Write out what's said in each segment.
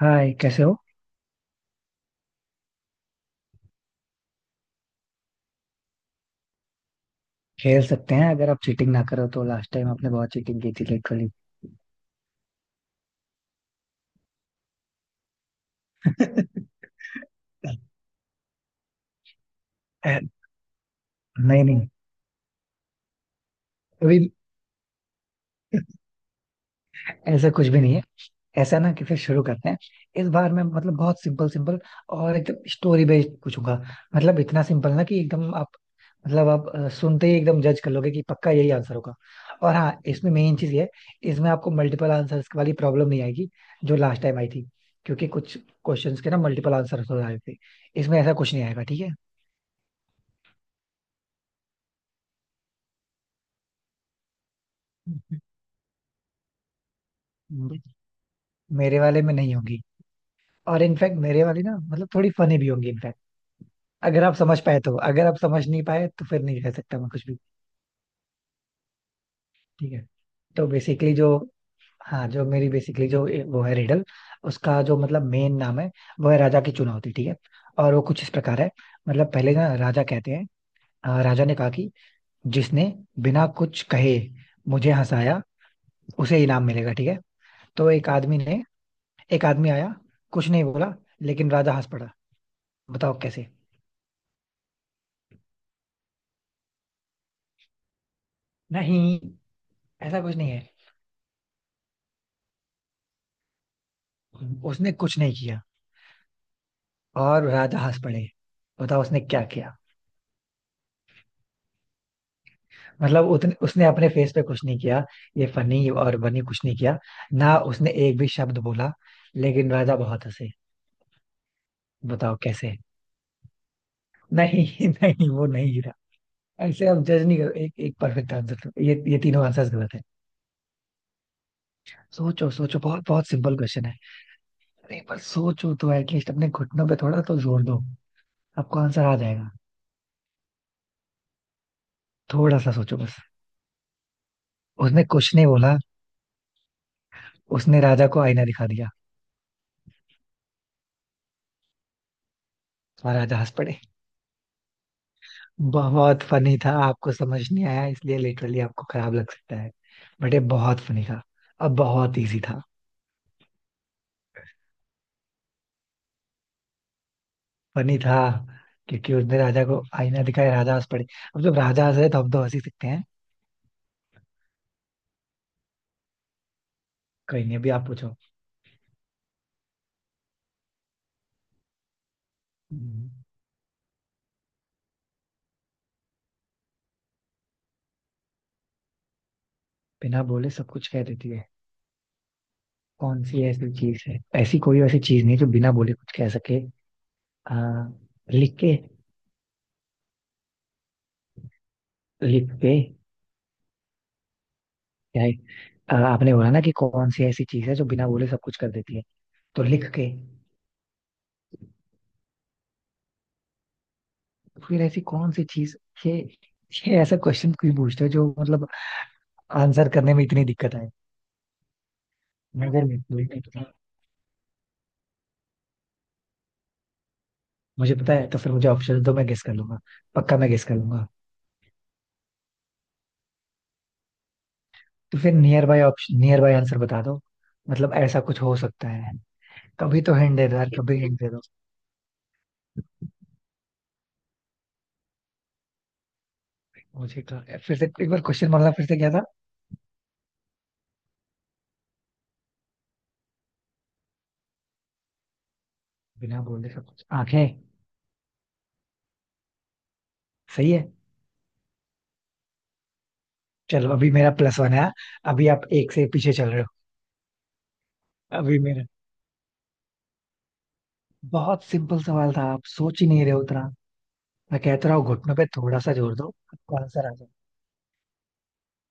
हाय कैसे हो। खेल सकते हैं अगर आप चीटिंग ना करो तो। लास्ट टाइम आपने बहुत चीटिंग की थी लिटरली। नहीं नहीं, अभी ऐसा कुछ भी नहीं है। ऐसा ना कि फिर शुरू करते हैं। इस बार मैं मतलब बहुत सिंपल सिंपल और एकदम स्टोरी बेस्ड पूछूंगा। मतलब इतना सिंपल ना कि एकदम आप मतलब आप सुनते ही एकदम जज कर लोगे कि पक्का यही आंसर होगा। और हाँ, इसमें मेन चीज ये है, इसमें आपको मल्टीपल आंसर्स वाली प्रॉब्लम नहीं आएगी जो लास्ट टाइम आई थी, क्योंकि कुछ क्वेश्चंस के ना मल्टीपल आंसर हो रहे थे। इसमें ऐसा कुछ नहीं आएगा ठीक है। मेरे वाले में नहीं होगी। और इनफैक्ट मेरे वाली ना मतलब थोड़ी फनी भी होंगी इनफैक्ट। अगर आप समझ पाए तो, अगर आप समझ नहीं पाए तो फिर नहीं कह सकता मैं कुछ भी। ठीक है। तो बेसिकली जो, हाँ, जो मेरी बेसिकली जो वो है रिडल, उसका जो मतलब मेन नाम है वो है राजा की चुनौती, ठीक है। और वो कुछ इस प्रकार है। मतलब पहले ना राजा कहते हैं, राजा ने कहा कि जिसने बिना कुछ कहे मुझे हंसाया उसे इनाम मिलेगा, ठीक है। तो एक आदमी ने, एक आदमी आया, कुछ नहीं बोला, लेकिन राजा हंस पड़ा। बताओ कैसे। नहीं, ऐसा कुछ नहीं है। उसने कुछ नहीं किया और राजा हंस पड़े। बताओ उसने क्या किया। मतलब उतने उसने अपने फेस पे कुछ नहीं किया, ये फनी और बनी कुछ नहीं किया, ना उसने एक भी शब्द बोला, लेकिन राजा बहुत हंसे। बताओ कैसे। नहीं नहीं, वो नहीं गिरा। ऐसे हम जज नहीं करो, एक एक परफेक्ट आंसर, ये तीनों आंसर्स गलत है। सोचो सोचो, बहुत बहुत सिंपल क्वेश्चन है। अरे पर सोचो तो एटलीस्ट, अपने घुटनों पे थोड़ा तो जोर दो, आपको आंसर आ जाएगा। थोड़ा सा सोचो बस। उसने कुछ नहीं बोला, उसने राजा को आईना दिखा दिया और राजा हंस पड़े। बहुत फनी था, आपको समझ नहीं आया इसलिए लिटरली आपको खराब लग सकता है, बट ये बहुत फनी था। अब बहुत इजी था। फनी था क्योंकि उसने राजा को आईना दिखाया, राजा हंस पड़े। अब जब राजा हंस रहे तो हम तो हंस ही सकते हैं। कहीं नहीं, अभी आप पूछो। हम्म। बिना बोले सब कुछ कह देती है। कौन सी ऐसी चीज है, ऐसी कोई ऐसी चीज नहीं जो बिना बोले कुछ कह सके। आ, लिख के। लिख पे। यही। आपने बोला ना कि कौन सी ऐसी चीज है जो बिना बोले सब कुछ कर देती है। तो लिख के। फिर ऐसी कौन सी चीज। ये ये ऐसा क्वेश्चन क्यों पूछते हो जो मतलब आंसर करने में इतनी दिक्कत आए। मैं अगर मुझे नहीं पता, मुझे पता है तो फिर मुझे ऑप्शन दो, मैं गेस कर लूंगा, पक्का मैं गेस कर लूंगा। तो फिर nearby option, nearby answer बता दो, मतलब ऐसा कुछ हो सकता है। कभी तो हिंट दे दो यार, कभी हिंट दे दो मुझे तो। फिर से एक बार क्वेश्चन, मतलब फिर से क्या था। बिना बोले सब कुछ, आंखें। सही है। चलो अभी मेरा प्लस वन है, अभी आप एक से पीछे चल रहे हो। अभी मेरा, बहुत सिंपल सवाल था, आप सोच ही नहीं रहे हो उतना। मैं कहता रहा हूँ, घुटनों पे थोड़ा सा जोर दो, आपका आंसर आ जाए।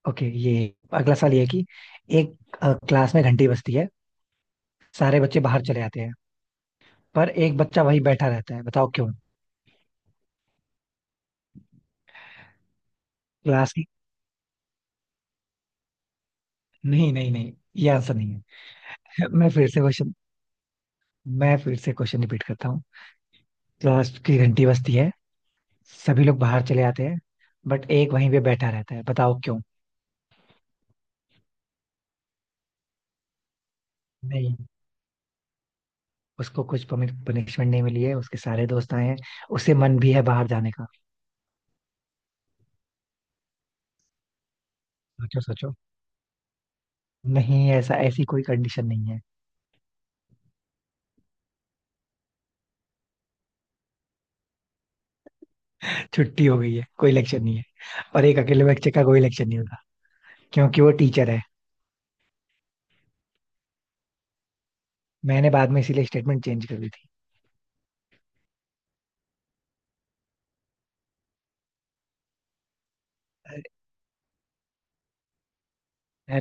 ओके, ये अगला सवाल ये है कि एक क्लास में घंटी बजती है, सारे बच्चे बाहर चले आते हैं, पर एक बच्चा वही बैठा रहता है, बताओ क्यों। क्लास की। नहीं नहीं नहीं, ये आंसर नहीं है। मैं फिर से क्वेश्चन, मैं फिर से क्वेश्चन रिपीट करता हूँ। क्लास की घंटी बजती है, सभी लोग बाहर चले आते हैं, बट एक वहीं पे बैठा रहता है, बताओ क्यों। नहीं, उसको कुछ पनिशमेंट नहीं मिली है, उसके सारे दोस्त आए हैं, उसे मन भी है बाहर जाने का। सोचो सोचो। नहीं, ऐसा ऐसी कोई कंडीशन नहीं है। छुट्टी हो गई है, कोई इलेक्शन नहीं है, और एक अकेले बच्चे का कोई इलेक्शन नहीं होगा क्योंकि वो टीचर है। मैंने बाद में इसीलिए स्टेटमेंट चेंज कर दी थी।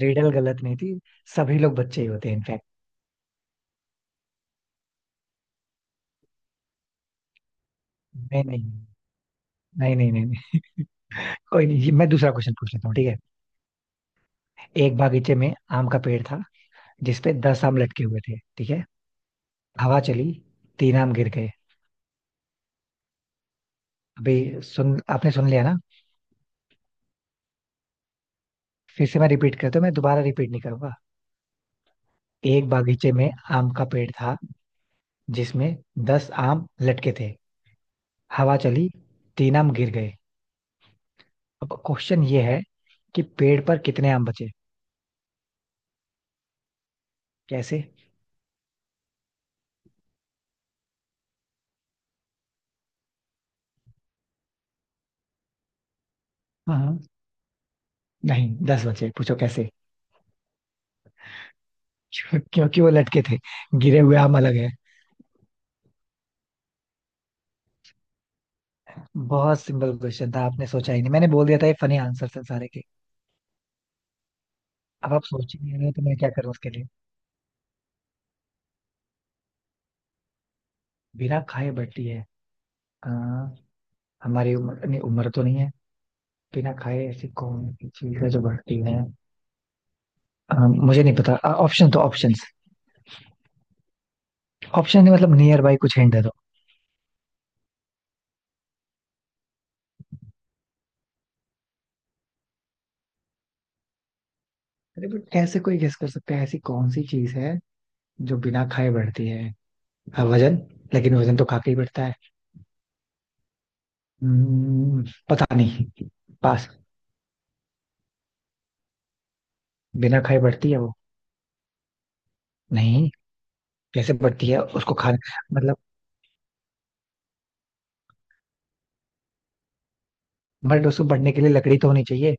रिडल गलत नहीं थी, सभी लोग बच्चे ही होते हैं इनफैक्ट। नहीं नहीं नहीं नहीं, नहीं नहीं। कोई नहीं, ये मैं दूसरा क्वेश्चन पूछ लेता हूँ, ठीक है। एक बागीचे में आम का पेड़ था जिसपे दस आम लटके हुए थे, ठीक है। हवा चली, तीन आम गिर गए। अभी, सुन आपने सुन लिया ना। फिर से मैं रिपीट करता हूँ, मैं दोबारा रिपीट नहीं करूंगा। एक बागीचे में आम का पेड़ था, जिसमें दस आम लटके थे। हवा चली, तीन आम गिर गए। अब क्वेश्चन ये है कि पेड़ पर कितने आम बचे। कैसे। हाँ हाँ, नहीं दस बचे, पूछो कैसे। क्योंकि वो लटके थे, गिरे हुए आम अलग है। बहुत सिंपल क्वेश्चन था, आपने सोचा ही नहीं, मैंने बोल दिया था ये फनी आंसर थे सारे के। अब आप सोच ही नहीं रहे हो तो मैं क्या करूं उसके लिए। बिना खाए बटी है। आ, हमारी उम्र, नहीं उम्र तो नहीं है। बिना खाए ऐसी कौन सी चीज है जो बढ़ती है। मुझे नहीं पता। ऑप्शन तो ऑप्शंस, ऑप्शन मतलब नियर बाई कुछ हिंट दे दो। अरे बट ऐसे कोई गेस कर सकता है ऐसी कौन सी चीज है जो बिना खाए बढ़ती है। हाँ, वजन। लेकिन वजन तो खा के ही बढ़ता है। हम्म, पता नहीं। पास। बिना खाए बढ़ती है वो। नहीं। कैसे बढ़ती है उसको खाने, मतलब। बट उसको बढ़ने के लिए लकड़ी तो होनी चाहिए।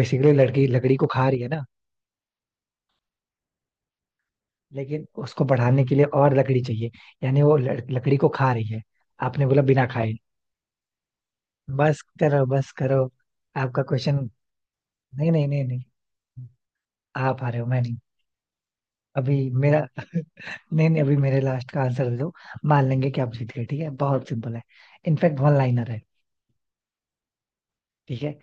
बेसिकली लड़की लकड़ी को खा रही है ना। लेकिन उसको बढ़ाने के लिए और लकड़ी चाहिए, यानी वो लकड़ी को खा रही है। आपने बोला बिना खाए। बस करो, बस करो। आपका क्वेश्चन, नहीं नहीं नहीं नहीं, आप आ रहे हो, मैं नहीं। अभी मेरा, नहीं नहीं, अभी मेरे लास्ट का आंसर दे दो, मान लेंगे कि आप जीत गए, ठीक है। बहुत सिंपल है, इनफैक्ट वन लाइनर है। ठीक है।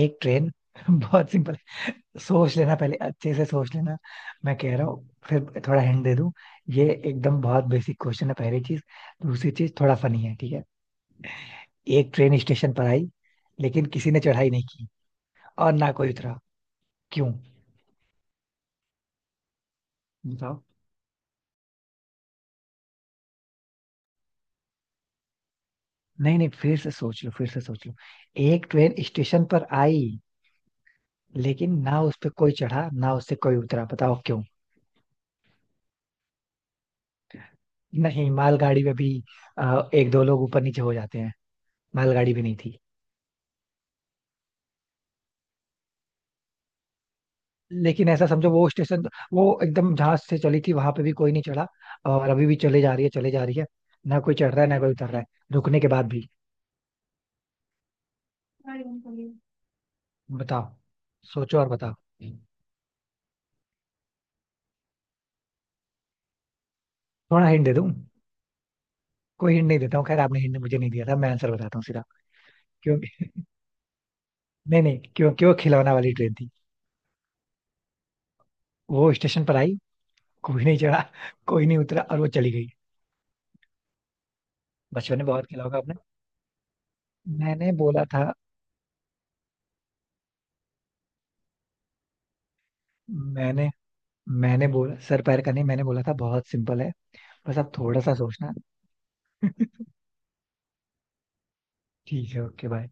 एक ट्रेन बहुत सिंपल है, सोच लेना पहले अच्छे से सोच लेना। मैं कह रहा हूँ फिर थोड़ा हिंट दे दूं। ये एकदम बहुत बेसिक क्वेश्चन है पहली चीज, दूसरी चीज थोड़ा फनी है, ठीक है। एक ट्रेन स्टेशन पर आई, लेकिन किसी ने चढ़ाई नहीं की और ना कोई उतरा। क्यों, बताओ। नहीं नहीं, फिर से सोच लो, फिर से सोच लो। एक ट्रेन स्टेशन पर आई, लेकिन ना उस पे कोई चढ़ा, ना उससे कोई उतरा, बताओ क्यों। नहीं, मालगाड़ी में भी एक दो लोग ऊपर नीचे हो जाते हैं, मालगाड़ी भी नहीं थी। लेकिन ऐसा समझो वो स्टेशन, वो एकदम जहां से चली थी वहां पे भी कोई नहीं चढ़ा, और अभी भी चले जा रही है, चले जा रही है, ना कोई चढ़ रहा है ना कोई उतर रहा है, रुकने के बाद भी। बताओ, सोचो और बताओ। थोड़ा हिंट दे दूं, कोई हिंट नहीं देता हूँ, खैर आपने हिंट मुझे नहीं दिया था, मैं आंसर बताता हूँ सीधा। क्योंकि, नहीं नहीं, क्योंकि वो खिलौना वाली ट्रेन थी। वो स्टेशन पर आई, कोई नहीं चढ़ा, कोई नहीं उतरा, और वो चली गई। बचपन में बहुत खेला होगा आपने। मैंने बोला था, मैंने मैंने बोला सर पैर का नहीं, मैंने बोला था बहुत सिंपल है। बस आप थोड़ा सा सोचना। ठीक है, ओके बाय।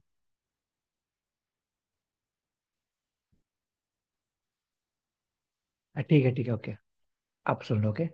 ठीक है ठीक है, ओके। आप सुन लो, okay?